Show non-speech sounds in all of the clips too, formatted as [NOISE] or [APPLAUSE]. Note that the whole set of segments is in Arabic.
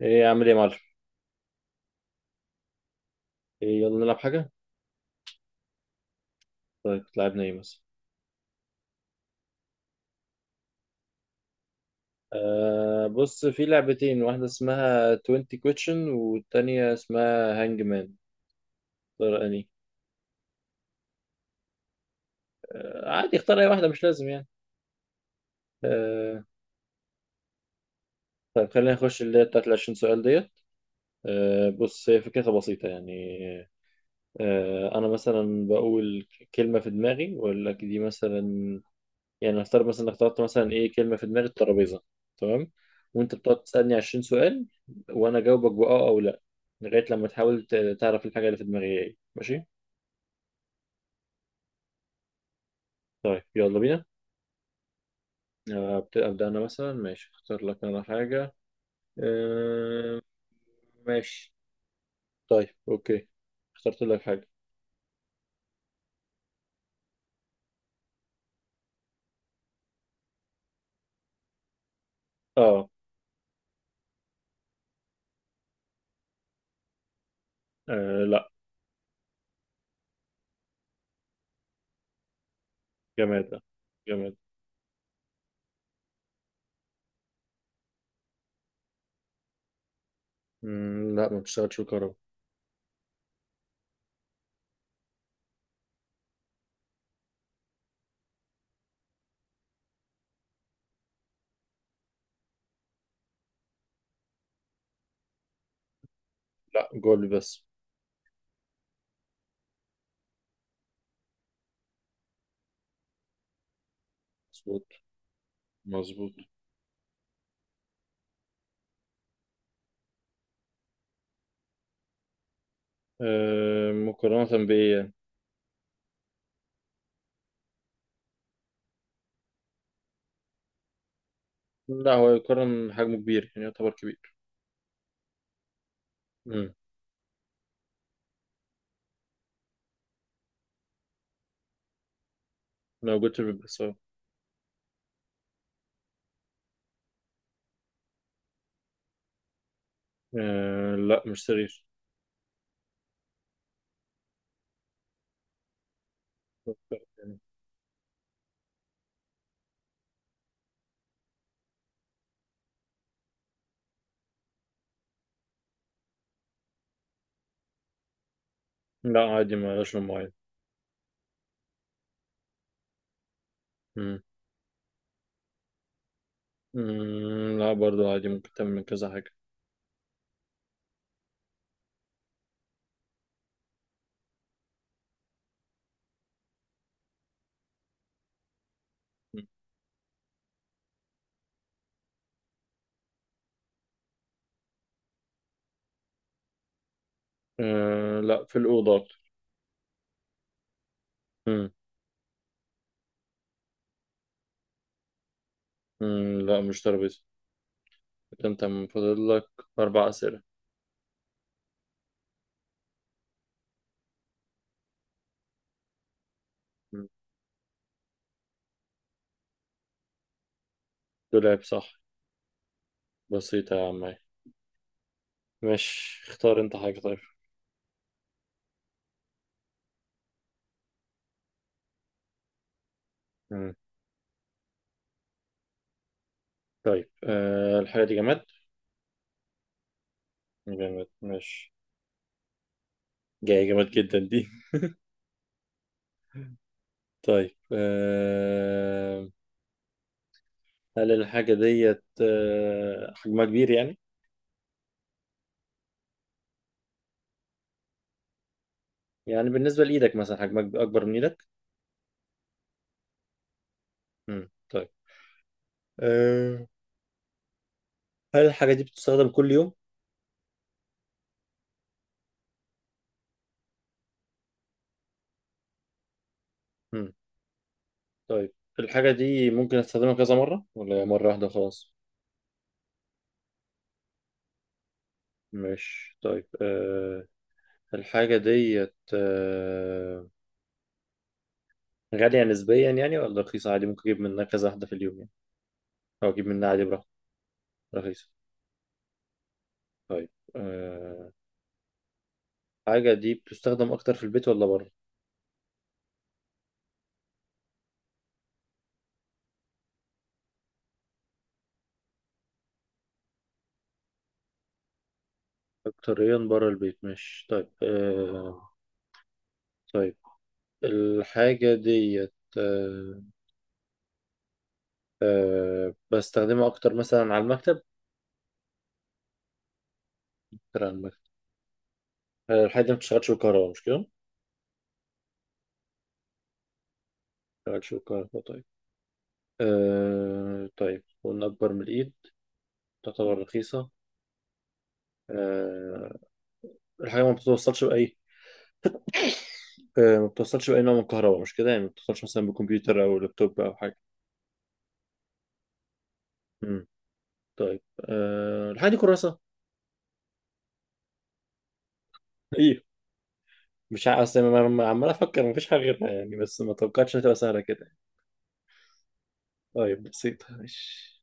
ايه اعمل ايه يا معلم؟ إيه، يلا نلعب حاجه. طيب، لعبنا ايه مثلا؟ بص، في لعبتين، واحده اسمها 20 question والتانية اسمها هانج مان. اختار اني آه عادي، اختار اي واحده، مش لازم يعني. آه. طيب خلينا نخش اللي هي بتاعت ال 20 سؤال ديت. بص، هي فكرتها بسيطه يعني. انا مثلا بقول كلمه في دماغي واقول لك، دي مثلا يعني، هختار مثلا انك تحط مثلا ايه كلمه في دماغ الترابيزه. تمام؟ وانت بتقعد تسالني 20 سؤال وانا اجاوبك باه او لا، لغايه لما تحاول تعرف الحاجه اللي في دماغي ايه. ماشي؟ طيب يلا بينا. ابدا، انا مثلا ماشي اختار لك انا حاجه. آه. ماشي. طيب، اوكي. اخترت لك حاجه. اه. آه، لا. جماد، لا. جماد. لا، ما بتشتغلش بالكهرباء. لا، جولد بس. مظبوط. مظبوط. مقارنة بإيه يعني؟ لا، هو يقارن حجمه كبير يعني، يعتبر كبير. امم. موجود في البس، اه. لا، مش سرير. يعني. لا، عادي، ما لهاش لون معين. مم. لا، برضو عادي، ممكن تعمل من كذا حاجة. مم. لا، في الأوضة أكتر. مم. لا، مش ترابيزة. كده أنت من فاضل لك أربع أسئلة. مم. دولاب، صح. بسيطة يا عم. مش، اختار أنت حاجة طيب. مم. طيب، الحاجة دي جماد. جماد، ماشي. جاية جماد جدا دي. [LAUGHS] طيب، هل الحاجة ديت حجمها كبير يعني؟ يعني بالنسبة لإيدك مثلا، حجمها أكبر من إيدك؟ مم. طيب، آه، هل الحاجة دي بتستخدم كل يوم؟ مم. طيب، الحاجة دي ممكن أستخدمها كذا مرة، ولا هي مرة واحدة خلاص؟ مش، طيب، الحاجة ديت غالية نسبيا يعني، ولا رخيصة عادي ممكن أجيب منها كذا واحدة في اليوم يعني، أو أجيب منها عادي براحتي. رخيصة. طيب، آه، الحاجة دي بتستخدم أكتر في البيت ولا بره؟ أكتريا بره البيت، مش، طيب، طيب، الحاجة ديت بستخدمها أكتر مثلا على المكتب. أكتر على المكتب. الحاجة دي ما بتشتغلش بالكهرباء، مش كده؟ ما بتشتغلش بالكهرباء، طيب. طيب قلنا أكبر من الإيد، تعتبر رخيصة. آه، الحاجة ما بتوصلش بأي، ما بتوصلش بأي نوع من الكهرباء، مش كده؟ يعني ما بتوصلش مثلا بكمبيوتر أو لابتوب أو حاجة. مم. طيب، الحاجة دي كراسة؟ إيه. مش ع- أصل أنا عمال أفكر، مفيش حاجة غيرها يعني، بس ما توقعتش إنها تبقى سهلة كده. طيب، بسيطة، ماشي.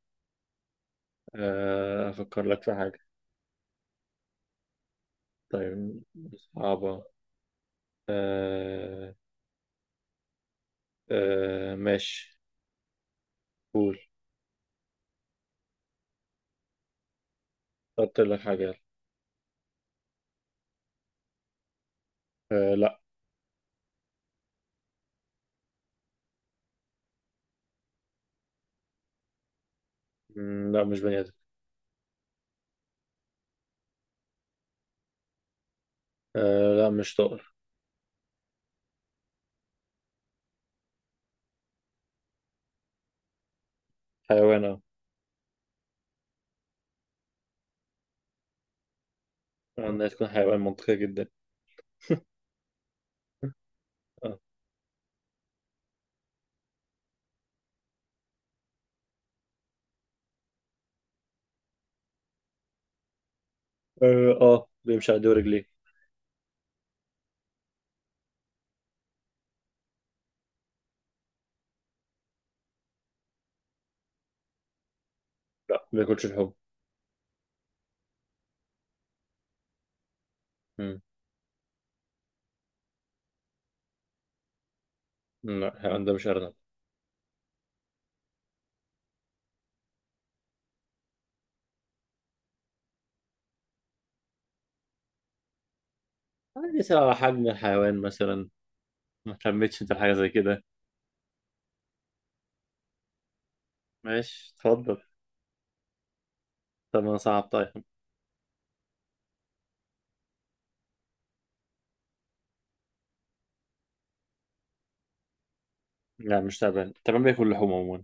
أفكر لك في حاجة. طيب، صعبة. أه. أه، ماشي. قول. قلت لك حاجة، يلا. أه، لا. لا، مش بني آدم. أه، لا، مش طائر. حيوان، اه. إنها تكون حيوان منطقية جدا. [LAUGHS] اه. اه. بيمشي على دور رجليه. لا، ما بياكلش لحوم. مم، لا، الحيوان ده مش أرنب. عادي، سواء على حجم الحيوان مثلا. ما اهتمتش انت بحاجة زي كده. ماشي، اتفضل. طب انا، صعب، طيب. لا، مش تعبان. تعبان بياكل لحوم عموما.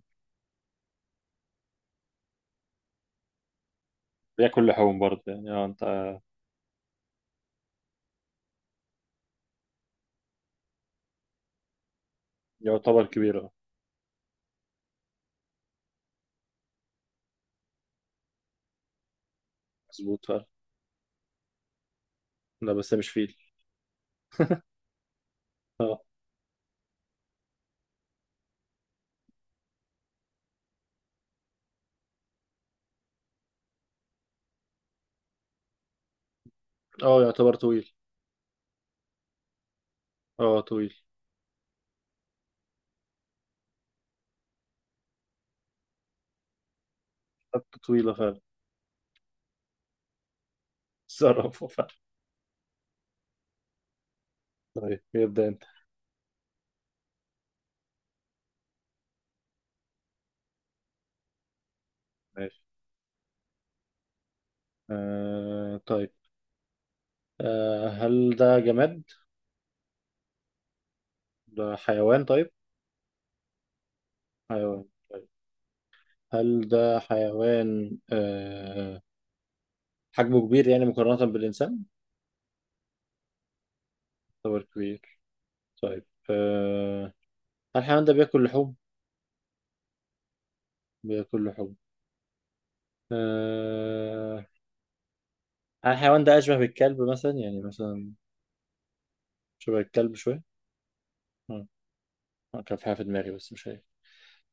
بياكل لحوم برضه يعني، اه انت. يعتبر كبير، اه. مظبوط فعلا. لا، بس هي مش فيل. اه، يعتبر طويل. اه، طويل. خدت طويلة فعلا. [LAUGHS] تصرف فعلا. طيب يبدأ انت. ماشي. طيب. هل ده جماد؟ ده حيوان، طيب؟ حيوان. طيب، هل ده حيوان حجمه كبير يعني مقارنة بالإنسان؟ يعتبر كبير. طيب، هل الحيوان ده بياكل لحوم؟ بياكل لحوم. آه. هل الحيوان ده أشبه بالكلب مثلا؟ يعني مثلا شبه الكلب شوية؟ آه. كان في حاجة في دماغي، بس مش هي.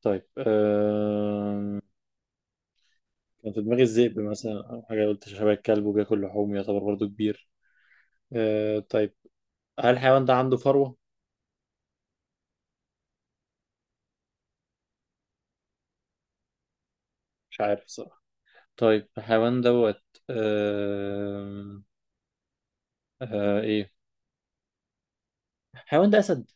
طيب، كان في دماغي الذئب مثلا، أو حاجة، قلت شبه الكلب وبياكل لحوم يعتبر برضه كبير. طيب، هل الحيوان ده عنده فروة؟ مش عارف صراحة. طيب، الحيوان دوت أه... إيه؟ الحيوان ده أسد.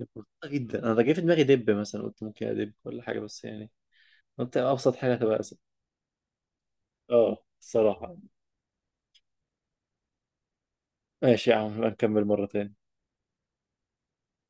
بسيطة جدا. أنا ده جه في دماغي دب مثلا، قلت ممكن أدب ولا حاجة، بس يعني قلت أبسط حاجة تبقى أسد. أه، الصراحة. ماشي يا عم، نبقى نكمل مرة تاني.